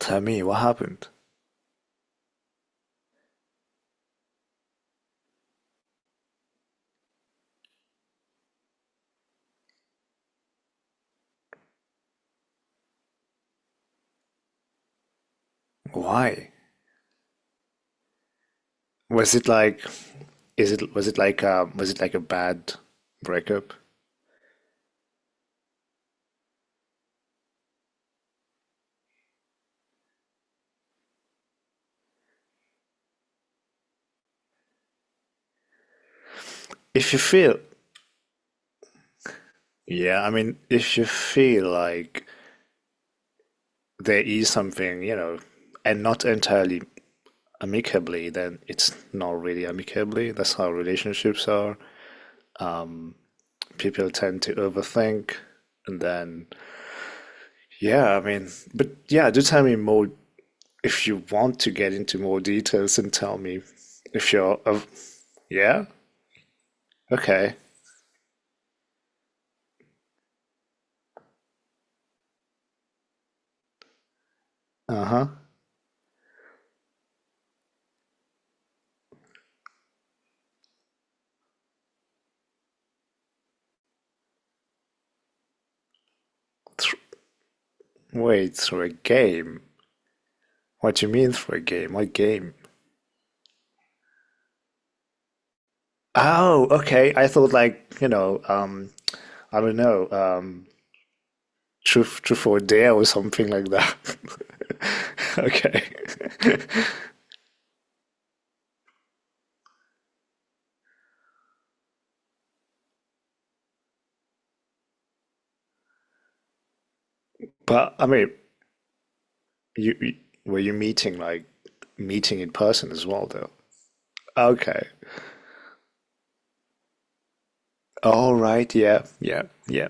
Tell me what happened. Why? Was it like is it was it like a was it like a bad breakup? If you feel yeah, I mean if you feel like there is something, you know, and not entirely amicably, then it's not really amicably. That's how relationships are. People tend to overthink and then yeah, I mean but yeah, do tell me more if you want to get into more details and tell me if you're of yeah? Okay. Uh-huh. Th- Wait, through a game. What do you mean through a game? What game? Oh, okay. I thought like, I don't know, truth or dare or something like that. Okay. But I mean, you were you meeting like meeting in person as well though? Okay. All right, yeah.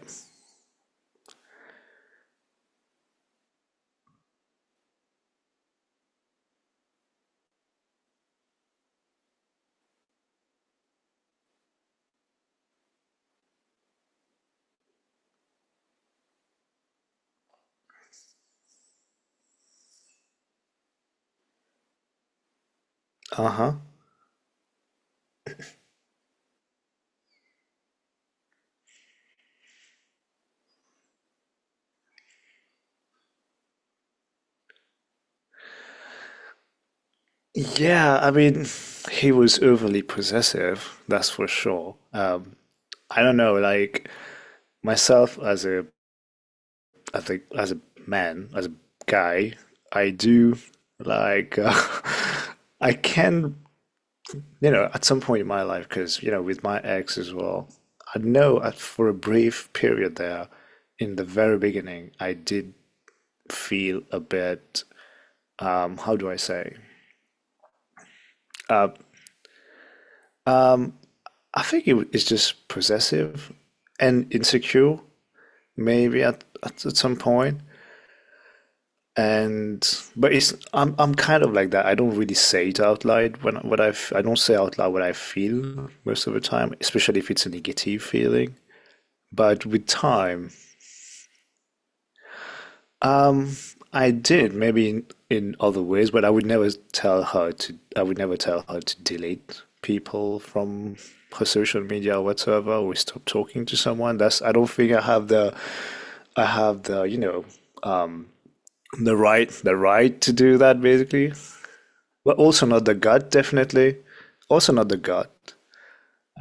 Uh-huh. Yeah, I mean, he was overly possessive, that's for sure. I don't know, like myself as I think as a man, as a guy, I do like I can, you know, at some point in my life, because you know, with my ex as well, I know for a brief period there, in the very beginning, I did feel a bit, how do I say? I think it's just possessive and insecure. Maybe at some point. And but it's I'm kind of like that. I don't really say it out loud when what I f- I don't say out loud what I feel most of the time, especially if it's a negative feeling. But with time, um, I did maybe in other ways, but I would never tell her to. I would never tell her to delete people from her social media or whatsoever. Or stop talking to someone. That's. I don't think I have the you know um, the right to do that basically, but also not the gut, definitely also not the gut,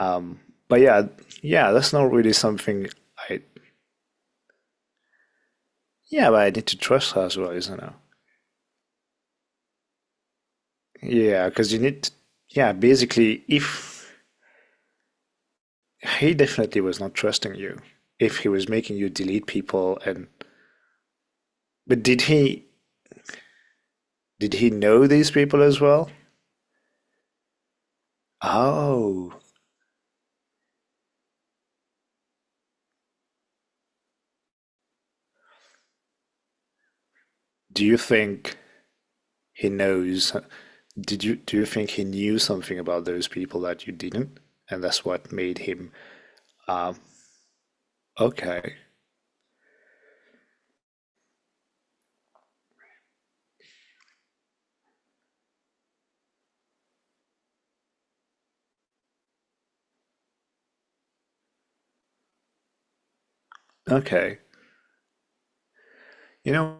um, but yeah, yeah, that's not really something I. Yeah, but I need to trust her as well, isn't it? Yeah, because you need to, yeah, basically if he definitely was not trusting you if he was making you delete people and but did he know these people as well? Oh, do you think he knows. Did you do you think he knew something about those people that you didn't, and that's what made him okay, okay? You know,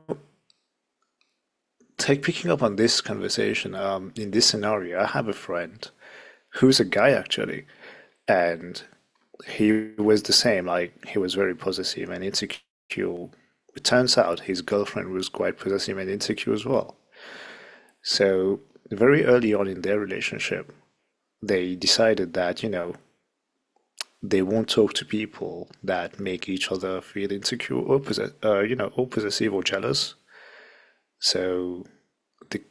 take picking up on this conversation. In this scenario, I have a friend who's a guy actually, and he was the same. Like he was very possessive and insecure. It turns out his girlfriend was quite possessive and insecure as well. So very early on in their relationship, they decided that you know they won't talk to people that make each other feel insecure or you know, or possessive or jealous. So the,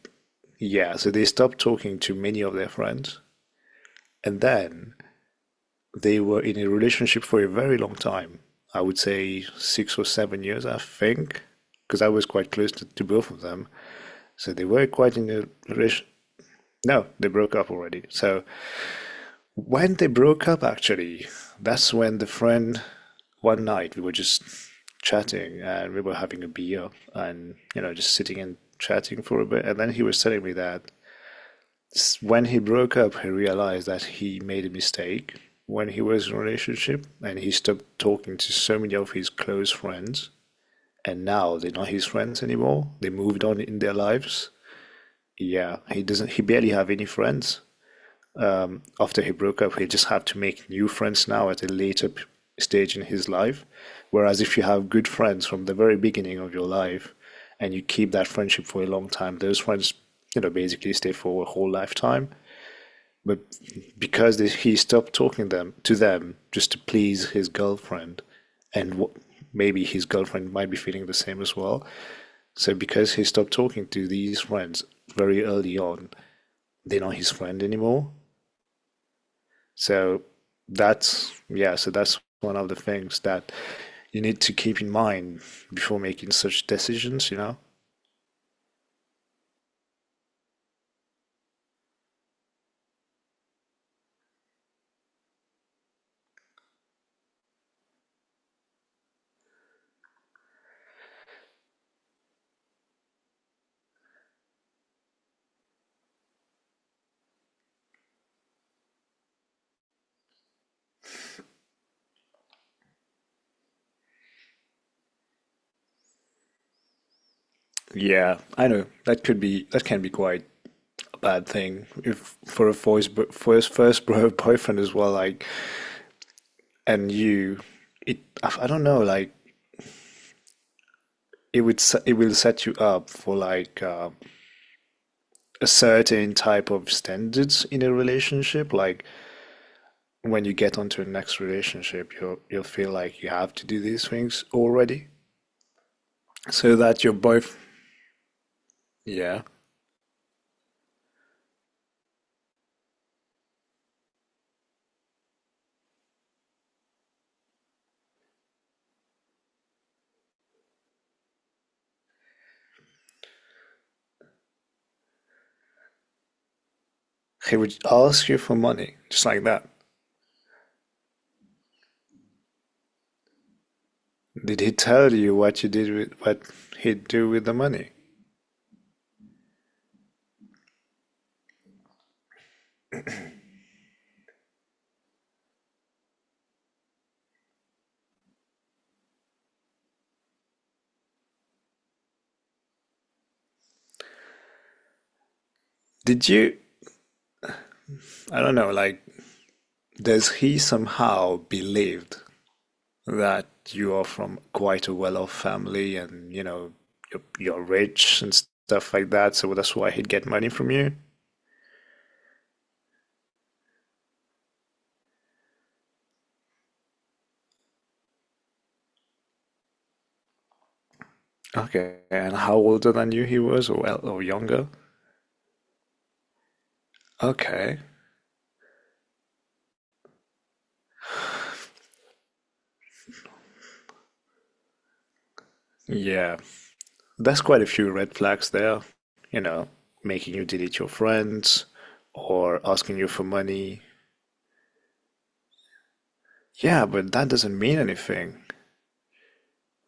yeah, so they stopped talking to many of their friends, and then they were in a relationship for a very long time. I would say 6 or 7 years, I think, because I was quite close to both of them. So they were quite in a relationship. No, they broke up already. So when they broke up, actually, that's when the friend, one night, we were just chatting and we were having a beer and, you know, just sitting and chatting for a bit. And then he was telling me that when he broke up, he realized that he made a mistake when he was in a relationship and he stopped talking to so many of his close friends. And now they're not his friends anymore. They moved on in their lives. Yeah, he doesn't, he barely have any friends. After he broke up, he just had to make new friends now at a later stage in his life. Whereas if you have good friends from the very beginning of your life and you keep that friendship for a long time, those friends, you know, basically stay for a whole lifetime. But because he stopped talking them to them just to please his girlfriend, and what, maybe his girlfriend might be feeling the same as well. So because he stopped talking to these friends very early on, they're not his friend anymore. So that's, yeah, so that's one of the things that you need to keep in mind before making such decisions, you know? Yeah, I know. That can be quite a bad thing if for a first first bro boyfriend as well, like, and you, it, I don't know, like, it would it will set you up for like a certain type of standards in a relationship. Like when you get onto the next relationship, you'll feel like you have to do these things already. So that your boyfriend, yeah, he would ask you for money, just like that. Did he tell you what you did with what he'd do with the money? Did you, I don't know, like, does he somehow believed that you are from quite a well-off family and, you know, you're rich and stuff like that, so that's why he'd get money from you? Okay, and how older than you he was, or younger? Okay, yeah, there's quite a few red flags there, you know, making you delete your friends or asking you for money. Yeah, but that doesn't mean anything.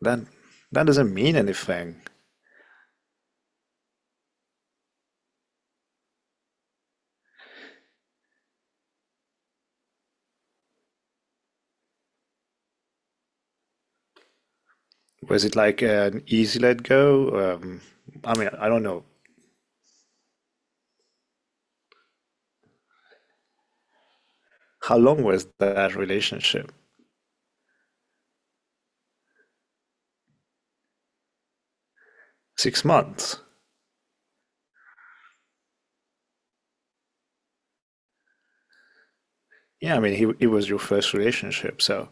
That that doesn't mean anything. Was it like an easy let go? I mean, I don't know. How long was that relationship? 6 months. Yeah, I mean, he, it was your first relationship, so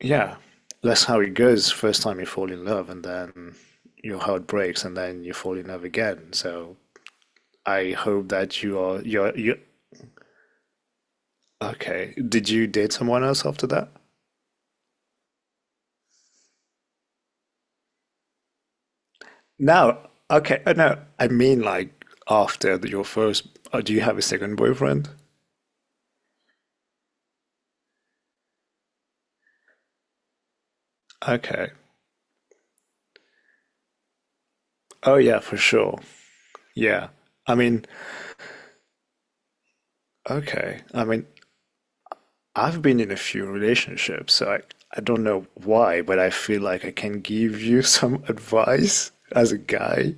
yeah, that's how it goes. First time you fall in love, and then your heart breaks, and then you fall in love again. So I hope that you're you okay. Did you date someone else after that? No. Okay. No, I mean like after your first. Do you have a second boyfriend? Okay. Oh yeah, for sure. Yeah. I mean, okay. I mean, I've been in a few relationships, so I don't know why, but I feel like I can give you some advice as a guy.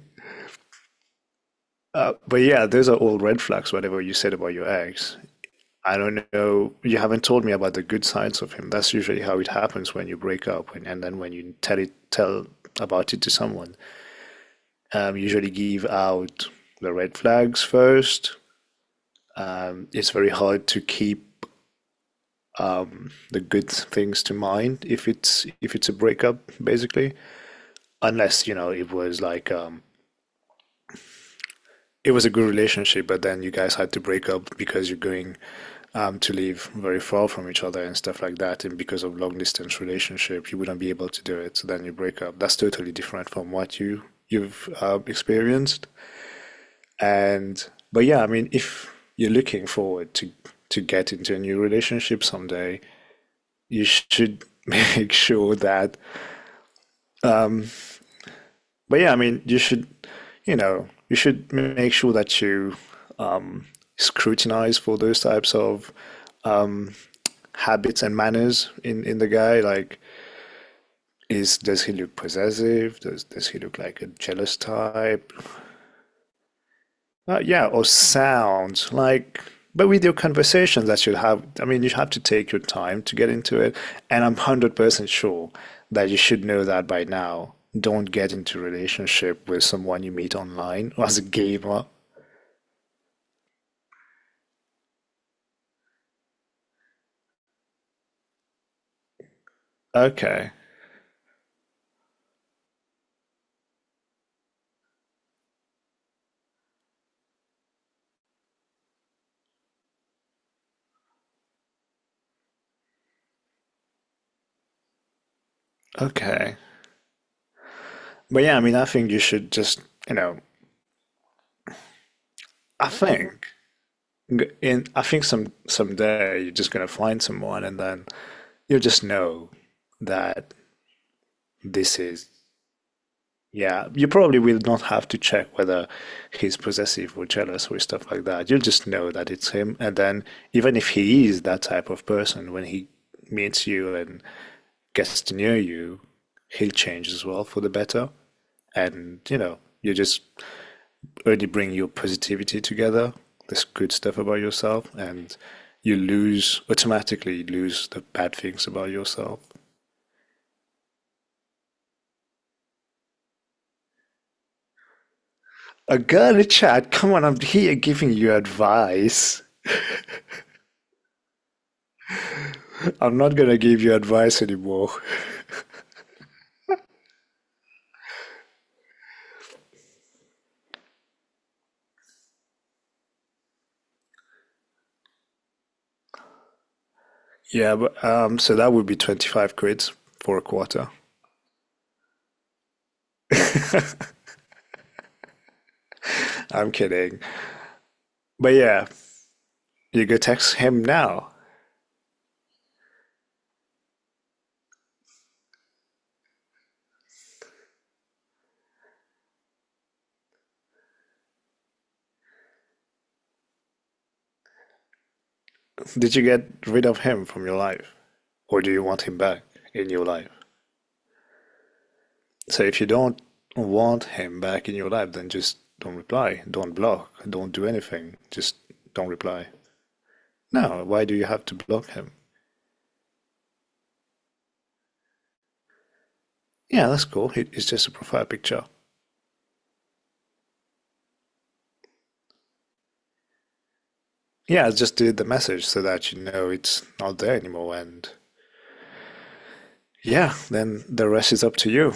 But yeah, those are all red flags, whatever you said about your ex. I don't know. You haven't told me about the good sides of him. That's usually how it happens when you break up, and then when you tell tell about it to someone. Usually give out the red flags first. It's very hard to keep the good things to mind if it's a breakup, basically. Unless you know it was like it was a good relationship, but then you guys had to break up because you're going to live very far from each other and stuff like that. And because of long distance relationship, you wouldn't be able to do it. So then you break up. That's totally different from what you've experienced. And but yeah, I mean, if you're looking forward to get into a new relationship someday, you should make sure that. But yeah, I mean, you should, you know, you should make sure that you um, scrutinize for those types of um, habits and manners in the guy. Like, is does he look possessive? Does he look like a jealous type? Yeah, or sounds like. But with your conversations that you have, I mean, you have to take your time to get into it. And I'm 100% sure that you should know that by now. Don't get into a relationship with someone you meet online or as a gamer. Okay, okay. But yeah, I mean, I think you should just, you know, I think g- in I think someday you're just gonna find someone and then you just know that this is yeah, you probably will not have to check whether he's possessive or jealous or stuff like that. You'll just know that it's him and then even if he is that type of person when he meets you and gets to know you, he'll change as well for the better. And you know, you just only bring your positivity together, this good stuff about yourself, and you lose automatically you lose the bad things about yourself. A girl in the chat, come on, I'm here giving you advice. I'm not gonna give you advice anymore. Yeah, but so that would be 25 quid for a quarter. I'm kidding. But yeah, you go text him now. Did you get rid of him from your life? Or do you want him back in your life? So if you don't want him back in your life, then just don't reply, don't block, don't do anything, just don't reply. No, why do you have to block him? Yeah, that's cool. It's just a profile picture. Yeah, I just delete the message so that you know it's not there anymore. And yeah, then the rest is up to you.